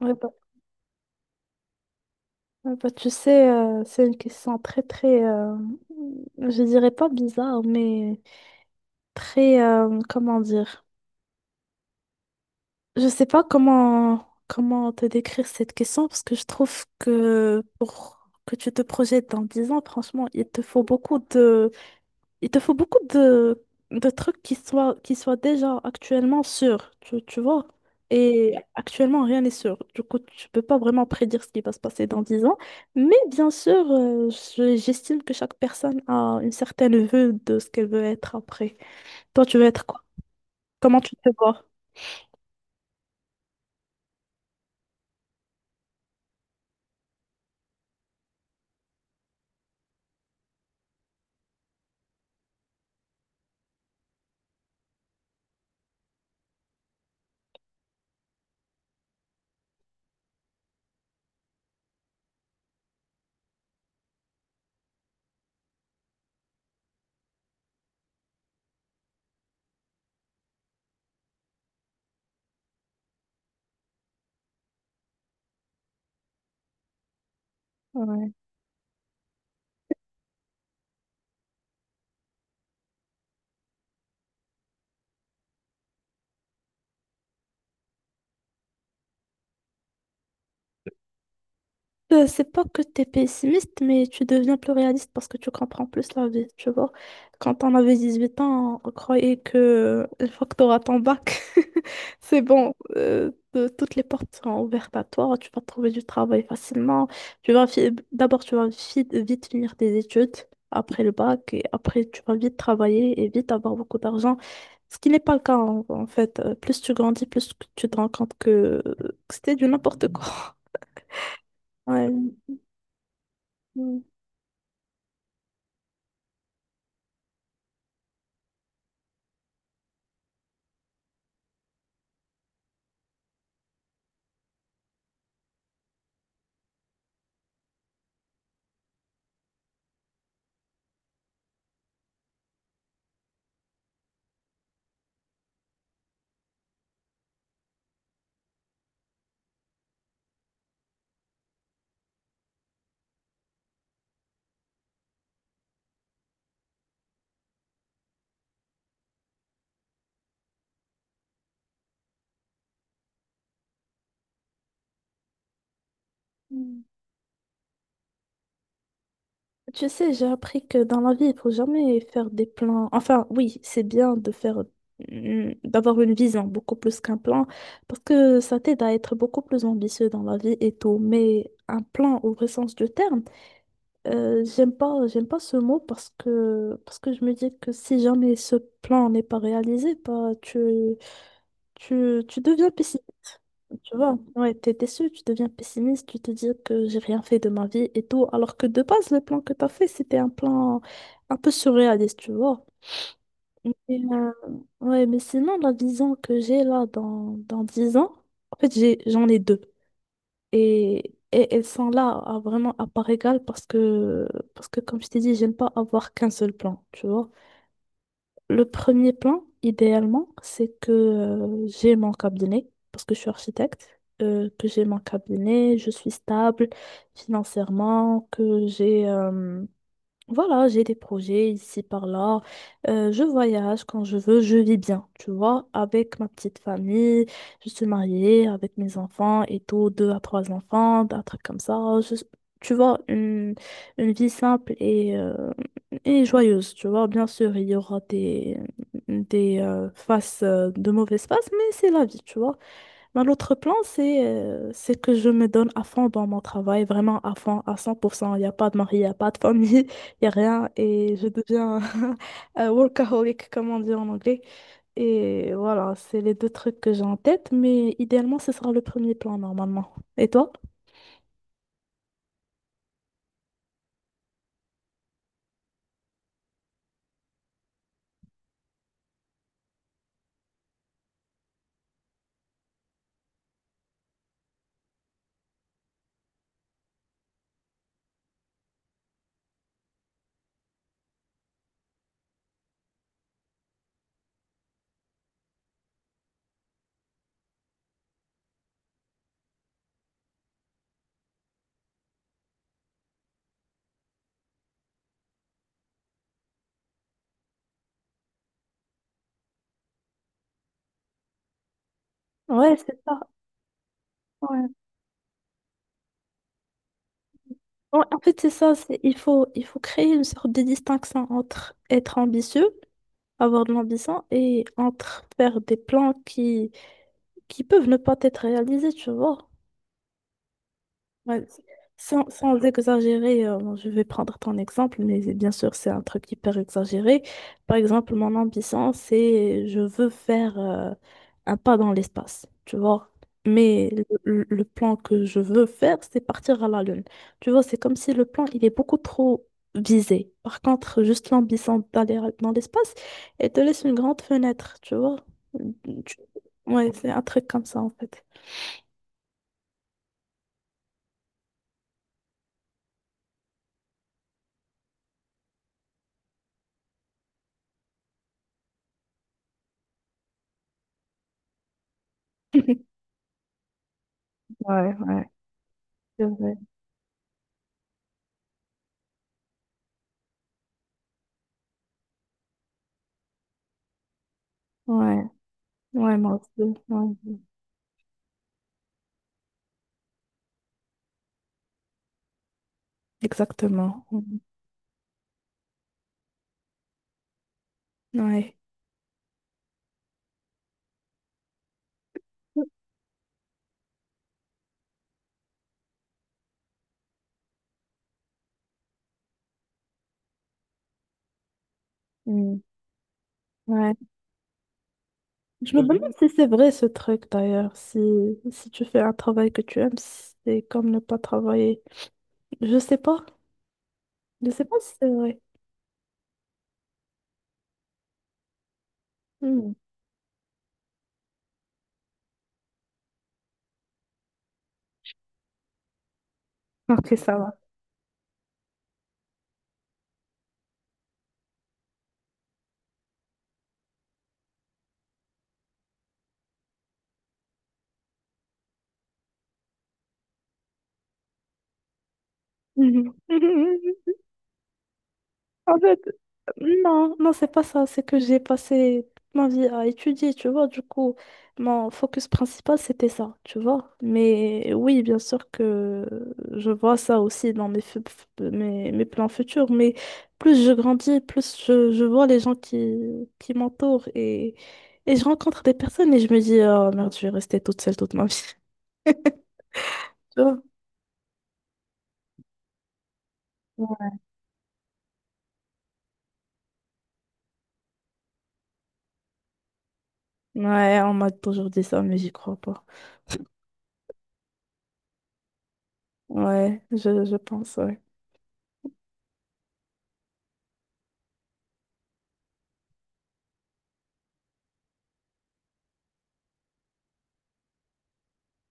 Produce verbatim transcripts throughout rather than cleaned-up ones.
Ouais, bah, ouais, bah, tu sais, euh, c'est une question très, très, euh, je dirais pas bizarre, mais très, euh, comment dire? Je sais pas comment, comment te décrire cette question parce que je trouve que pour que tu te projettes dans dix ans, franchement, il te faut beaucoup il te faut beaucoup de, de trucs qui soient, qui soient déjà actuellement sûrs, tu, tu vois. Et actuellement, rien n'est sûr. Du coup, tu peux pas vraiment prédire ce qui va se passer dans dix ans. Mais bien sûr, euh, je- j'estime que chaque personne a une certaine vue de ce qu'elle veut être après. Toi, tu veux être quoi? Comment tu te vois? Ouais. Euh, c'est pas que t'es pessimiste, mais tu deviens plus réaliste parce que tu comprends plus la vie, tu vois. Quand on avait dix huit ans, on croyait que euh, une fois que t'auras ton bac, c'est bon, euh, euh, toutes les portes seront ouvertes à toi, tu vas trouver du travail facilement. Tu vas fi- d'abord, tu vas fi- vite finir tes études après le bac et après, tu vas vite travailler et vite avoir beaucoup d'argent. Ce qui n'est pas le cas en, en fait. Euh, Plus tu grandis, plus que tu te rends compte que, euh, que c'était du n'importe quoi. Ouais. Mm. Tu sais, j'ai appris que dans la vie, il faut jamais faire des plans. Enfin, oui, c'est bien de faire, mm, d'avoir une vision beaucoup plus qu'un plan, parce que ça t'aide à être beaucoup plus ambitieux dans la vie et tout. Mais un plan, au vrai sens du terme, euh, j'aime pas, j'aime pas ce mot parce que, parce que je me dis que si jamais ce plan n'est pas réalisé, bah, tu, tu, tu deviens pessimiste. Tu vois, ouais, t'es déçu, tu deviens pessimiste, tu te dis que j'ai rien fait de ma vie et tout, alors que de base, le plan que t'as fait, c'était un plan un peu surréaliste, tu vois. Et, euh, ouais, mais sinon, la vision que j'ai là dans, dans dix ans, en fait, j'ai, j'en ai deux. Et, et elles sont là à- vraiment à part égale parce que, parce que comme je t'ai dit, j'aime pas avoir qu'un seul plan, tu vois. Le premier plan, idéalement, c'est que euh, j'ai mon cabinet, parce que je suis architecte, euh, que j'ai mon cabinet, je suis stable financièrement, que j'ai euh, voilà, j'ai des projets ici par là. Euh, je voyage quand je veux, je vis bien, tu vois, avec ma petite famille. Je suis mariée avec mes enfants et tout, deux à trois enfants, un truc comme ça. Je- tu vois, une, une vie simple et, euh, et joyeuse, tu vois. Bien sûr, il y aura des, des euh, faces, euh, de mauvaises faces, mais c'est la vie, tu vois. Ben, l'autre plan, c'est euh, c'est que je me donne à fond dans mon travail, vraiment à fond, à cent pour cent. Il n'y a pas de mari, il n'y a pas de famille, il n'y a rien. Et je deviens un workaholic, comme on dit en anglais. Et voilà, c'est les deux trucs que j'ai en tête, mais idéalement, ce sera le premier plan normalement. Et toi? Ouais, c'est ça. Ouais. Ouais, en fait, c'est ça. c'est- Il faut, il faut créer une sorte de distinction entre être ambitieux, avoir de l'ambition, et entre faire des plans qui, qui peuvent ne pas être réalisées, tu vois. Ouais. Sans, sans exagérer, euh, je vais prendre ton exemple, mais bien sûr, c'est un truc hyper exagéré. Par exemple, mon ambition, c'est je veux faire euh, un pas dans l'espace, tu vois. Mais le, le plan que je veux faire, c'est partir à la Lune. Tu vois, c'est comme si le plan, il est beaucoup trop visé. Par contre, juste l'ambition d'aller à- dans l'espace, elle te laisse une grande fenêtre, tu vois. Tu- Ouais, c'est un truc comme ça, en fait. Ouais, ouais, c'est vrai. Ouais, ouais, moi aussi. Ouais, exactement. Mm. Ouais. Mm. Ouais. Je me demande si c'est vrai ce truc d'ailleurs. Si, si tu fais un travail que tu aimes, c'est comme ne pas travailler. Je sais pas. Je sais pas si c'est vrai. Mm. Ok, ça va. En fait, non, non, c'est pas ça. C'est que j'ai passé toute ma vie à étudier, tu vois. Du coup, mon focus principal, c'était ça, tu vois. Mais oui, bien sûr que je vois ça aussi dans mes, fu- fu- mes, mes plans futurs. Mais plus je grandis, plus je, je vois les gens qui, qui m'entourent et, et je rencontre des personnes et je me dis, oh merde, je vais rester toute seule toute ma vie. Tu vois? Ouais, on m'a toujours dit ça, mais j'y crois pas. Ouais, je, je pense, ouais.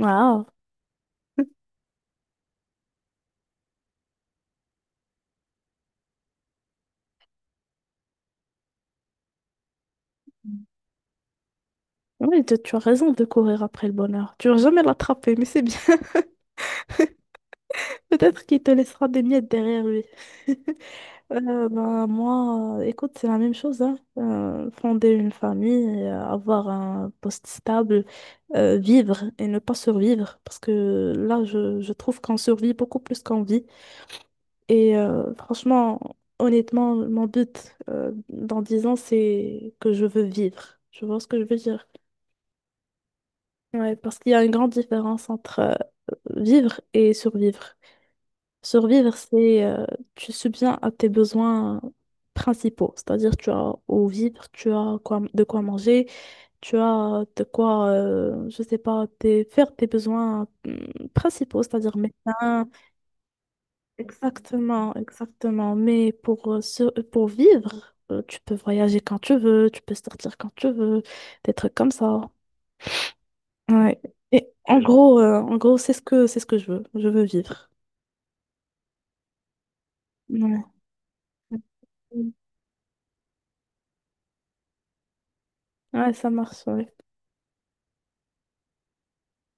Waouh. Oui, tu tu as raison de courir après le bonheur. Tu vas jamais l'attraper, mais c'est bien. Peut-être qu'il te laissera des miettes derrière lui. Euh, ben, moi, euh, écoute, c'est la même chose, hein. Euh, fonder une famille, euh, avoir un poste stable, euh, vivre et ne pas survivre. Parce que là, je, je trouve qu'on survit beaucoup plus qu'on vit. Et euh, franchement, honnêtement, mon but euh, dans dix ans, c'est que je veux vivre. Tu vois ce que je veux dire? Ouais, parce qu'il y a une grande différence entre euh, vivre et survivre. Survivre, c'est euh, tu subviens à tes besoins euh, principaux, c'est-à-dire tu as au vivre, tu as quoi, de quoi manger, tu as de quoi, euh, je sais pas, tes- faire tes besoins hum, principaux, c'est-à-dire médecin. Exactement, exactement. Mais pour, euh, sur- euh, pour vivre, euh, tu peux voyager quand tu veux, tu peux sortir quand tu veux, des trucs comme ça. Ouais. Et en gros, euh, en gros, c'est ce que c'est ce que je veux. Je veux vivre. Ouais. Ouais, ça marche, ouais.